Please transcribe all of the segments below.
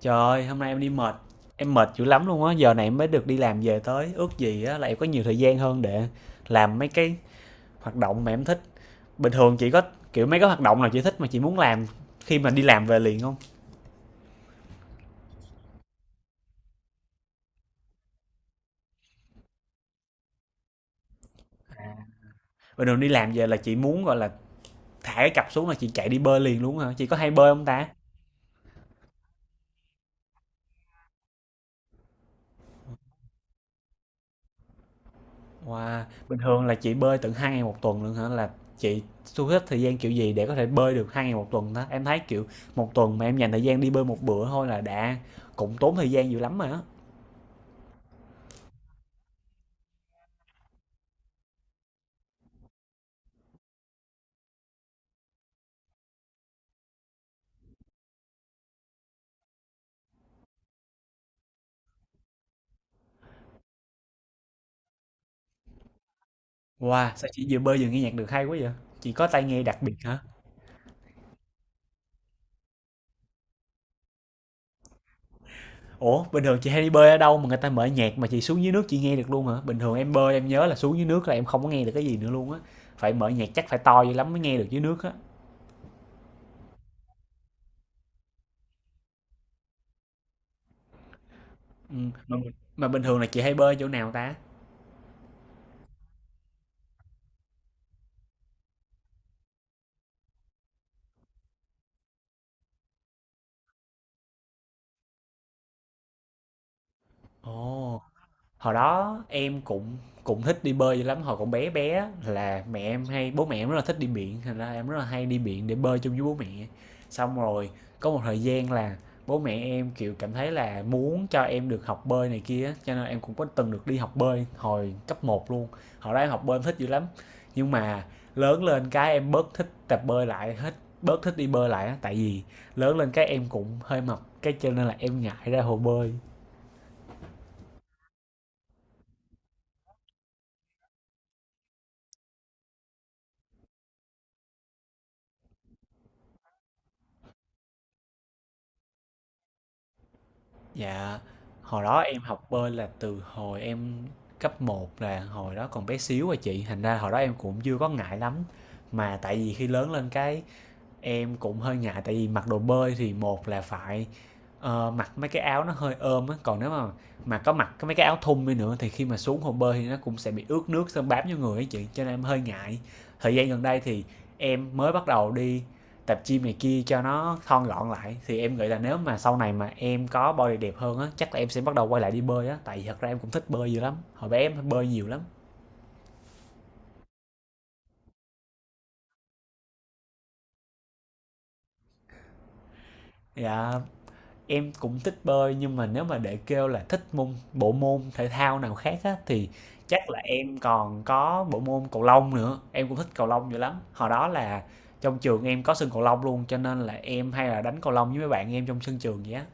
Trời ơi, hôm nay em đi mệt, em mệt dữ lắm luôn á, giờ này em mới được đi làm về tới, ước gì á là em có nhiều thời gian hơn để làm mấy cái hoạt động mà em thích. Bình thường chị có kiểu mấy cái hoạt động nào chị thích mà chị muốn làm khi mà đi làm về liền không? Bình thường đi làm về là chị muốn gọi là thả cái cặp xuống là chị chạy đi bơi liền luôn hả? Chị có hay bơi không ta? Wow, bình thường là chị bơi tận hai ngày một tuần luôn hả? Là chị thu hết thời gian kiểu gì để có thể bơi được hai ngày một tuần đó? Em thấy kiểu một tuần mà em dành thời gian đi bơi một bữa thôi là đã cũng tốn thời gian dữ lắm rồi á. Wow, sao chị vừa bơi vừa nghe nhạc được hay quá vậy? Chị có tai nghe đặc biệt hả? Ủa, bình thường chị hay đi bơi ở đâu mà người ta mở nhạc mà chị xuống dưới nước chị nghe được luôn hả? Bình thường em bơi em nhớ là xuống dưới nước là em không có nghe được cái gì nữa luôn á. Phải mở nhạc chắc phải to dữ lắm mới nghe được dưới nước á. Ừ. Mà, mà, bình thường là chị hay bơi chỗ nào ta? Ồ, hồi đó em cũng cũng thích đi bơi dữ lắm hồi còn bé bé, là mẹ em hay bố mẹ em rất là thích đi biển, thành ra em rất là hay đi biển để bơi chung với bố mẹ. Xong rồi có một thời gian là bố mẹ em kiểu cảm thấy là muốn cho em được học bơi này kia á, cho nên em cũng có từng được đi học bơi hồi cấp một luôn. Hồi đó em học bơi em thích dữ lắm, nhưng mà lớn lên cái em bớt thích tập bơi lại hết, bớt thích đi bơi lại á, tại vì lớn lên cái em cũng hơi mập, cái cho nên là em ngại ra hồ bơi. Dạ, hồi đó em học bơi là từ hồi em cấp một, là hồi đó còn bé xíu à chị, thành ra hồi đó em cũng chưa có ngại lắm. Mà tại vì khi lớn lên cái em cũng hơi ngại, tại vì mặc đồ bơi thì một là phải, mặc mấy cái áo nó hơi ôm á, còn nếu mà có mặc cái mấy cái áo thun đi nữa thì khi mà xuống hồ bơi thì nó cũng sẽ bị ướt nước xong bám vô người ấy chị, cho nên em hơi ngại. Thời gian gần đây thì em mới bắt đầu đi tập gym này kia cho nó thon gọn lại, thì em nghĩ là nếu mà sau này mà em có body đẹp hơn á, chắc là em sẽ bắt đầu quay lại đi bơi á, tại vì thật ra em cũng thích bơi dữ lắm, hồi bé em bơi nhiều lắm. Dạ. Em cũng thích bơi, nhưng mà nếu mà để kêu là thích bộ môn thể thao nào khác á, thì chắc là em còn có bộ môn cầu lông nữa, em cũng thích cầu lông dữ lắm. Hồi đó là trong trường em có sân cầu lông luôn, cho nên là em hay là đánh cầu lông với mấy bạn em trong sân trường vậy á.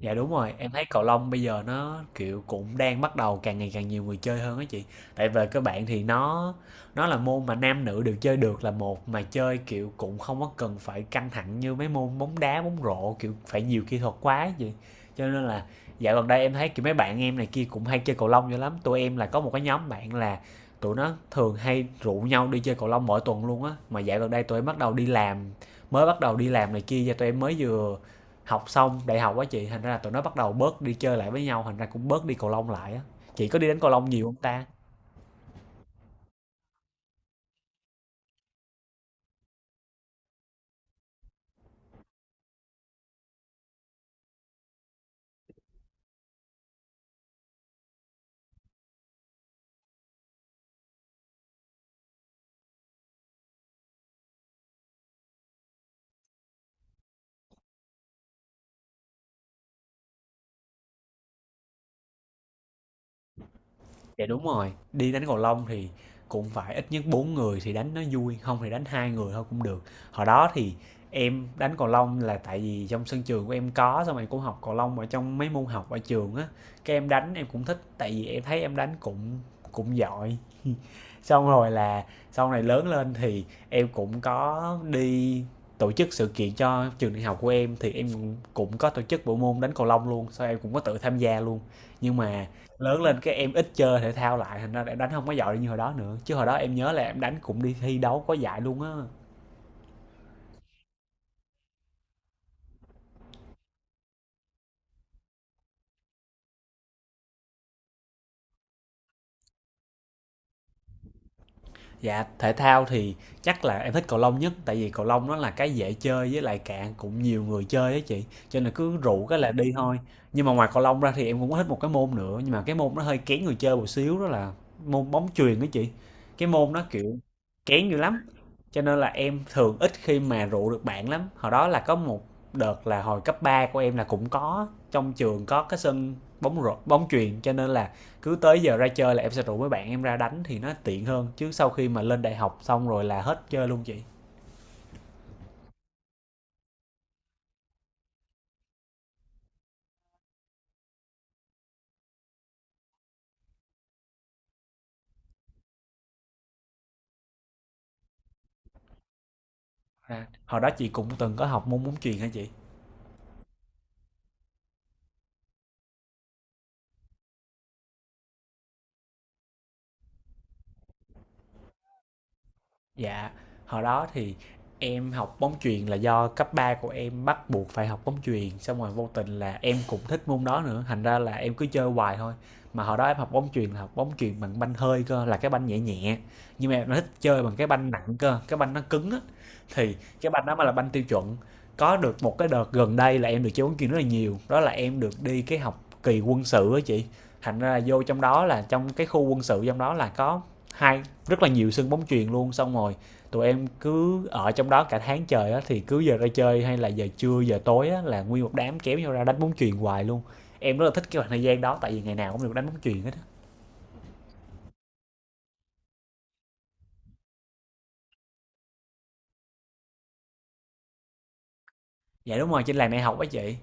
Dạ đúng rồi, em thấy cầu lông bây giờ nó kiểu cũng đang bắt đầu càng ngày càng nhiều người chơi hơn á chị. Tại về các bạn thì nó là môn mà nam nữ đều chơi được là một, mà chơi kiểu cũng không có cần phải căng thẳng như mấy môn bóng đá, bóng rổ kiểu phải nhiều kỹ thuật quá á chị. Cho nên là dạo gần đây em thấy kiểu mấy bạn em này kia cũng hay chơi cầu lông dữ lắm. Tụi em là có một cái nhóm bạn là tụi nó thường hay rủ nhau đi chơi cầu lông mỗi tuần luôn á. Mà dạo gần đây tụi em bắt đầu đi làm, mới bắt đầu đi làm này kia, và tụi em mới vừa học xong đại học á chị, thành ra là tụi nó bắt đầu bớt đi chơi lại với nhau, thành ra cũng bớt đi cầu lông lại á. Chị có đi đánh cầu lông nhiều không ta? Dạ đúng rồi, đi đánh cầu lông thì cũng phải ít nhất bốn người thì đánh nó vui, không thì đánh hai người thôi cũng được. Hồi đó thì em đánh cầu lông là tại vì trong sân trường của em có, xong rồi cũng học cầu lông ở trong mấy môn học ở trường á, cái em đánh em cũng thích, tại vì em thấy em đánh cũng cũng giỏi. Xong rồi là sau này lớn lên thì em cũng có đi tổ chức sự kiện cho trường đại học của em, thì có tổ chức bộ môn đánh cầu lông luôn, sau em cũng có tự tham gia luôn, nhưng mà lớn lên cái em ít chơi thể thao lại, thành ra em đánh không có giỏi như hồi đó nữa, chứ hồi đó em nhớ là em đánh cũng đi thi đấu có giải luôn á. Dạ thể thao thì chắc là em thích cầu lông nhất, tại vì cầu lông nó là cái dễ chơi, với lại cạn cũng nhiều người chơi á chị, cho nên cứ rủ cái là đi thôi. Nhưng mà ngoài cầu lông ra thì em cũng có thích một cái môn nữa, nhưng mà cái môn nó hơi kén người chơi một xíu, đó là môn bóng chuyền đó chị, cái môn nó kiểu kén dữ lắm. Cho nên là em thường ít khi mà rủ được bạn lắm. Hồi đó là có một đợt là hồi cấp 3 của em là cũng có, trong trường có cái sân bóng rổ, bóng chuyền, cho nên là cứ tới giờ ra chơi là em sẽ rủ mấy bạn em ra đánh thì nó tiện hơn, chứ sau khi mà lên đại học xong rồi là hết chơi luôn chị. À, hồi đó chị cũng từng có học môn bóng chuyền hả chị? Dạ, hồi đó thì em học bóng chuyền là do cấp 3 của em bắt buộc phải học bóng chuyền, xong rồi vô tình là em cũng thích môn đó nữa, thành ra là em cứ chơi hoài thôi. Mà hồi đó em học bóng chuyền là học bóng chuyền bằng banh hơi cơ, là cái banh nhẹ nhẹ. Nhưng mà em lại thích chơi bằng cái banh nặng cơ, cái banh nó cứng á. Thì cái banh đó mới là banh tiêu chuẩn. Có được một cái đợt gần đây là em được chơi bóng chuyền rất là nhiều, đó là em được đi cái học kỳ quân sự á chị. Thành ra là vô trong đó là trong cái khu quân sự, trong đó là có hai rất là nhiều sân bóng chuyền luôn, xong rồi tụi em cứ ở trong đó cả tháng trời á, thì cứ giờ ra chơi hay là giờ trưa giờ tối á là nguyên một đám kéo nhau ra đánh bóng chuyền hoài luôn. Em rất là thích cái khoảng thời gian đó, tại vì ngày nào cũng được đánh bóng chuyền hết á. Dạ đúng rồi, trên làng đại học á chị.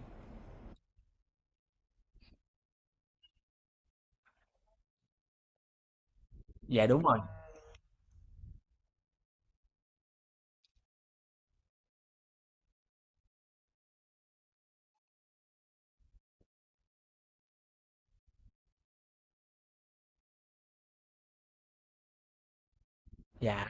Dạ đúng rồi. Dạ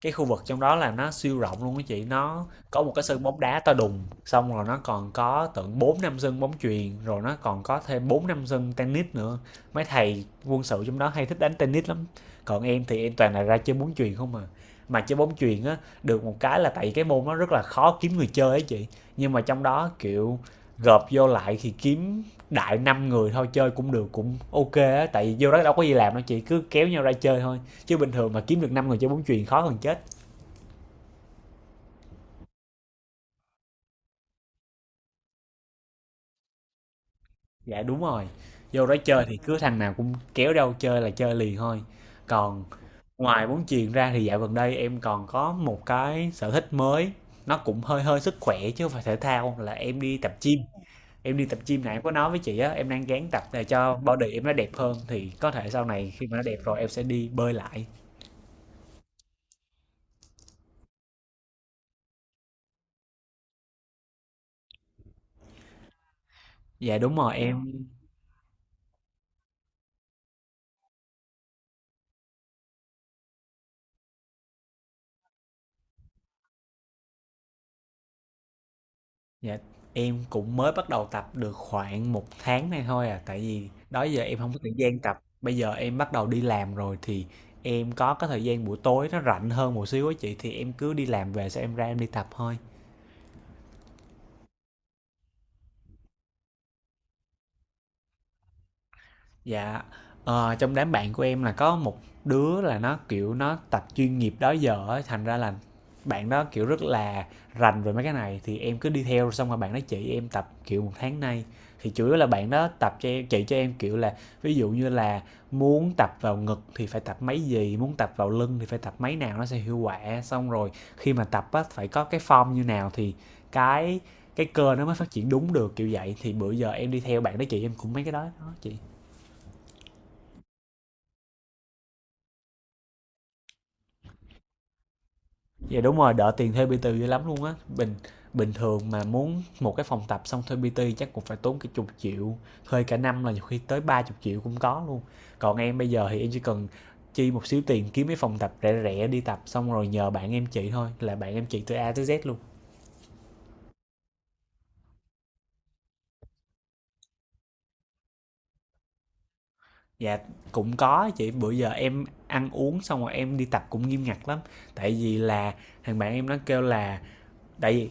cái khu vực trong đó là nó siêu rộng luôn á chị, nó có một cái sân bóng đá to đùng, xong rồi nó còn có tận bốn năm sân bóng chuyền, rồi nó còn có thêm bốn năm sân tennis nữa. Mấy thầy quân sự trong đó hay thích đánh tennis lắm, còn em thì em toàn là ra chơi bóng chuyền không à. Mà chơi bóng chuyền á, được một cái là tại cái môn nó rất là khó kiếm người chơi ấy chị, nhưng mà trong đó kiểu gộp vô lại thì kiếm đại năm người thôi chơi cũng được, cũng ok á, tại vì vô đó đâu có gì làm đâu chị, cứ kéo nhau ra chơi thôi, chứ bình thường mà kiếm được 5 người chơi bóng chuyền khó hơn chết. Dạ đúng rồi, vô đó chơi thì cứ thằng nào cũng kéo đâu chơi là chơi liền thôi. Còn ngoài bóng chuyền ra thì dạo gần đây em còn có một cái sở thích mới, nó cũng hơi hơi sức khỏe chứ không phải thể thao, là Em đi tập gym này em có nói với chị á, em đang gán tập để cho body em nó đẹp hơn, thì có thể sau này khi mà nó đẹp rồi em sẽ đi bơi lại. Dạ đúng rồi em Dạ, em cũng mới bắt đầu tập được khoảng một tháng nay thôi à, tại vì đó giờ em không có thời gian tập. Bây giờ em bắt đầu đi làm rồi thì em có cái thời gian buổi tối nó rảnh hơn một xíu á chị, thì em cứ đi làm về sau em ra em đi tập thôi. Dạ, trong đám bạn của em là có một đứa là nó, kiểu, nó tập chuyên nghiệp đó giờ á, thành ra là bạn đó, kiểu, rất là rành về mấy cái này thì em cứ đi theo xong rồi bạn đó chỉ em tập, kiểu, một tháng nay. Thì chủ yếu là bạn đó tập cho em chỉ cho em, kiểu là, ví dụ như là muốn tập vào ngực thì phải tập mấy gì, muốn tập vào lưng thì phải tập mấy nào nó sẽ hiệu quả, xong rồi khi mà tập á phải có cái form như nào thì cái cái cơ nó mới phát triển đúng được, kiểu vậy. Thì bữa giờ em đi theo bạn đó chị em cũng mấy cái đó đó chị. Dạ đúng rồi, đỡ tiền thuê PT dữ lắm luôn á. Bình bình thường mà muốn một cái phòng tập xong thuê PT chắc cũng phải tốn cái chục triệu, thuê cả năm là nhiều khi tới 30 triệu cũng có luôn. Còn em bây giờ thì em chỉ cần chi một xíu tiền kiếm cái phòng tập rẻ rẻ đi tập xong rồi nhờ bạn em chị thôi, là bạn em chị từ A tới Z luôn. Dạ cũng có chị, bữa giờ em ăn uống xong rồi em đi tập cũng nghiêm ngặt lắm, tại vì là thằng bạn em nó kêu là, tại vì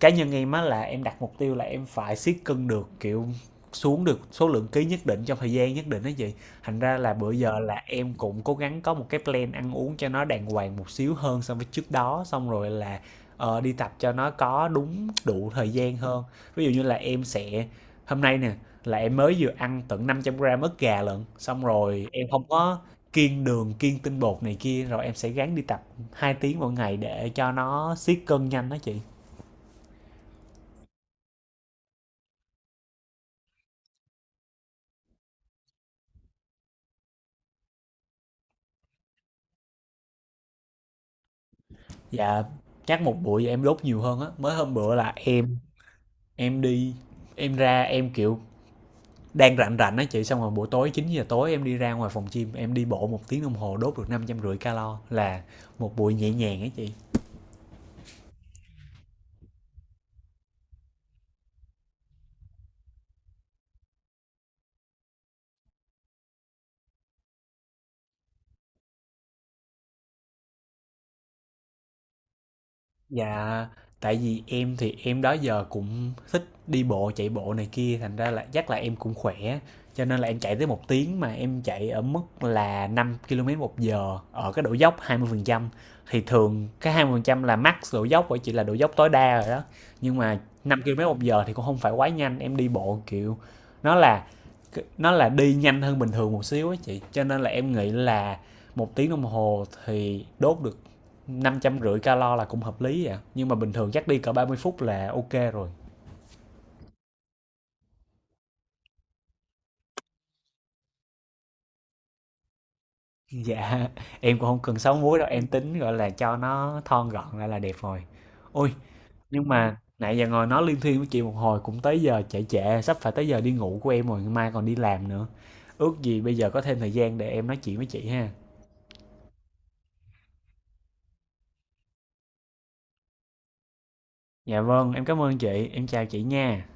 cá nhân em á là em đặt mục tiêu là em phải siết cân được, kiểu xuống được số lượng ký nhất định trong thời gian nhất định đó chị. Thành ra là bữa giờ là em cũng cố gắng có một cái plan ăn uống cho nó đàng hoàng một xíu hơn so với trước đó, xong rồi là đi tập cho nó có đúng đủ thời gian hơn. Ví dụ như là em sẽ, hôm nay nè, là em mới vừa ăn tận 500 gram ức gà lận, xong rồi em không có kiêng đường kiêng tinh bột này kia, rồi em sẽ gắng đi tập 2 tiếng mỗi ngày để cho nó siết cân nhanh đó chị. Dạ, chắc một bụi em đốt nhiều hơn á. Mới hôm bữa là em đi, em ra em kiểu đang rảnh rảnh á chị, xong rồi buổi tối 9 giờ tối em đi ra ngoài phòng gym em đi bộ một tiếng đồng hồ đốt được 550 calo, là một buổi nhẹ nhàng á chị. Dạ, tại vì em thì em đó giờ cũng thích đi bộ, chạy bộ này kia, thành ra là chắc là em cũng khỏe. Cho nên là em chạy tới một tiếng mà em chạy ở mức là 5 km một giờ ở cái độ dốc 20%. Thì thường cái 20% là max độ dốc, bởi chỉ là độ dốc tối đa rồi đó. Nhưng mà 5 km một giờ thì cũng không phải quá nhanh, em đi bộ kiểu nó là nó là đi nhanh hơn bình thường một xíu á chị. Cho nên là em nghĩ là một tiếng đồng hồ thì đốt được 550 calo là cũng hợp lý vậy, nhưng mà bình thường chắc đi cỡ 30 phút là ok rồi. Dạ em cũng không cần sáu múi đâu, em tính gọi là cho nó thon gọn lại là đẹp rồi. Ôi, nhưng mà nãy giờ ngồi nói liên thiên với chị một hồi cũng tới giờ trễ trễ, sắp phải tới giờ đi ngủ của em rồi, mai còn đi làm nữa. Ước gì bây giờ có thêm thời gian để em nói chuyện với chị ha. Dạ vâng em cảm ơn chị, em chào chị nha.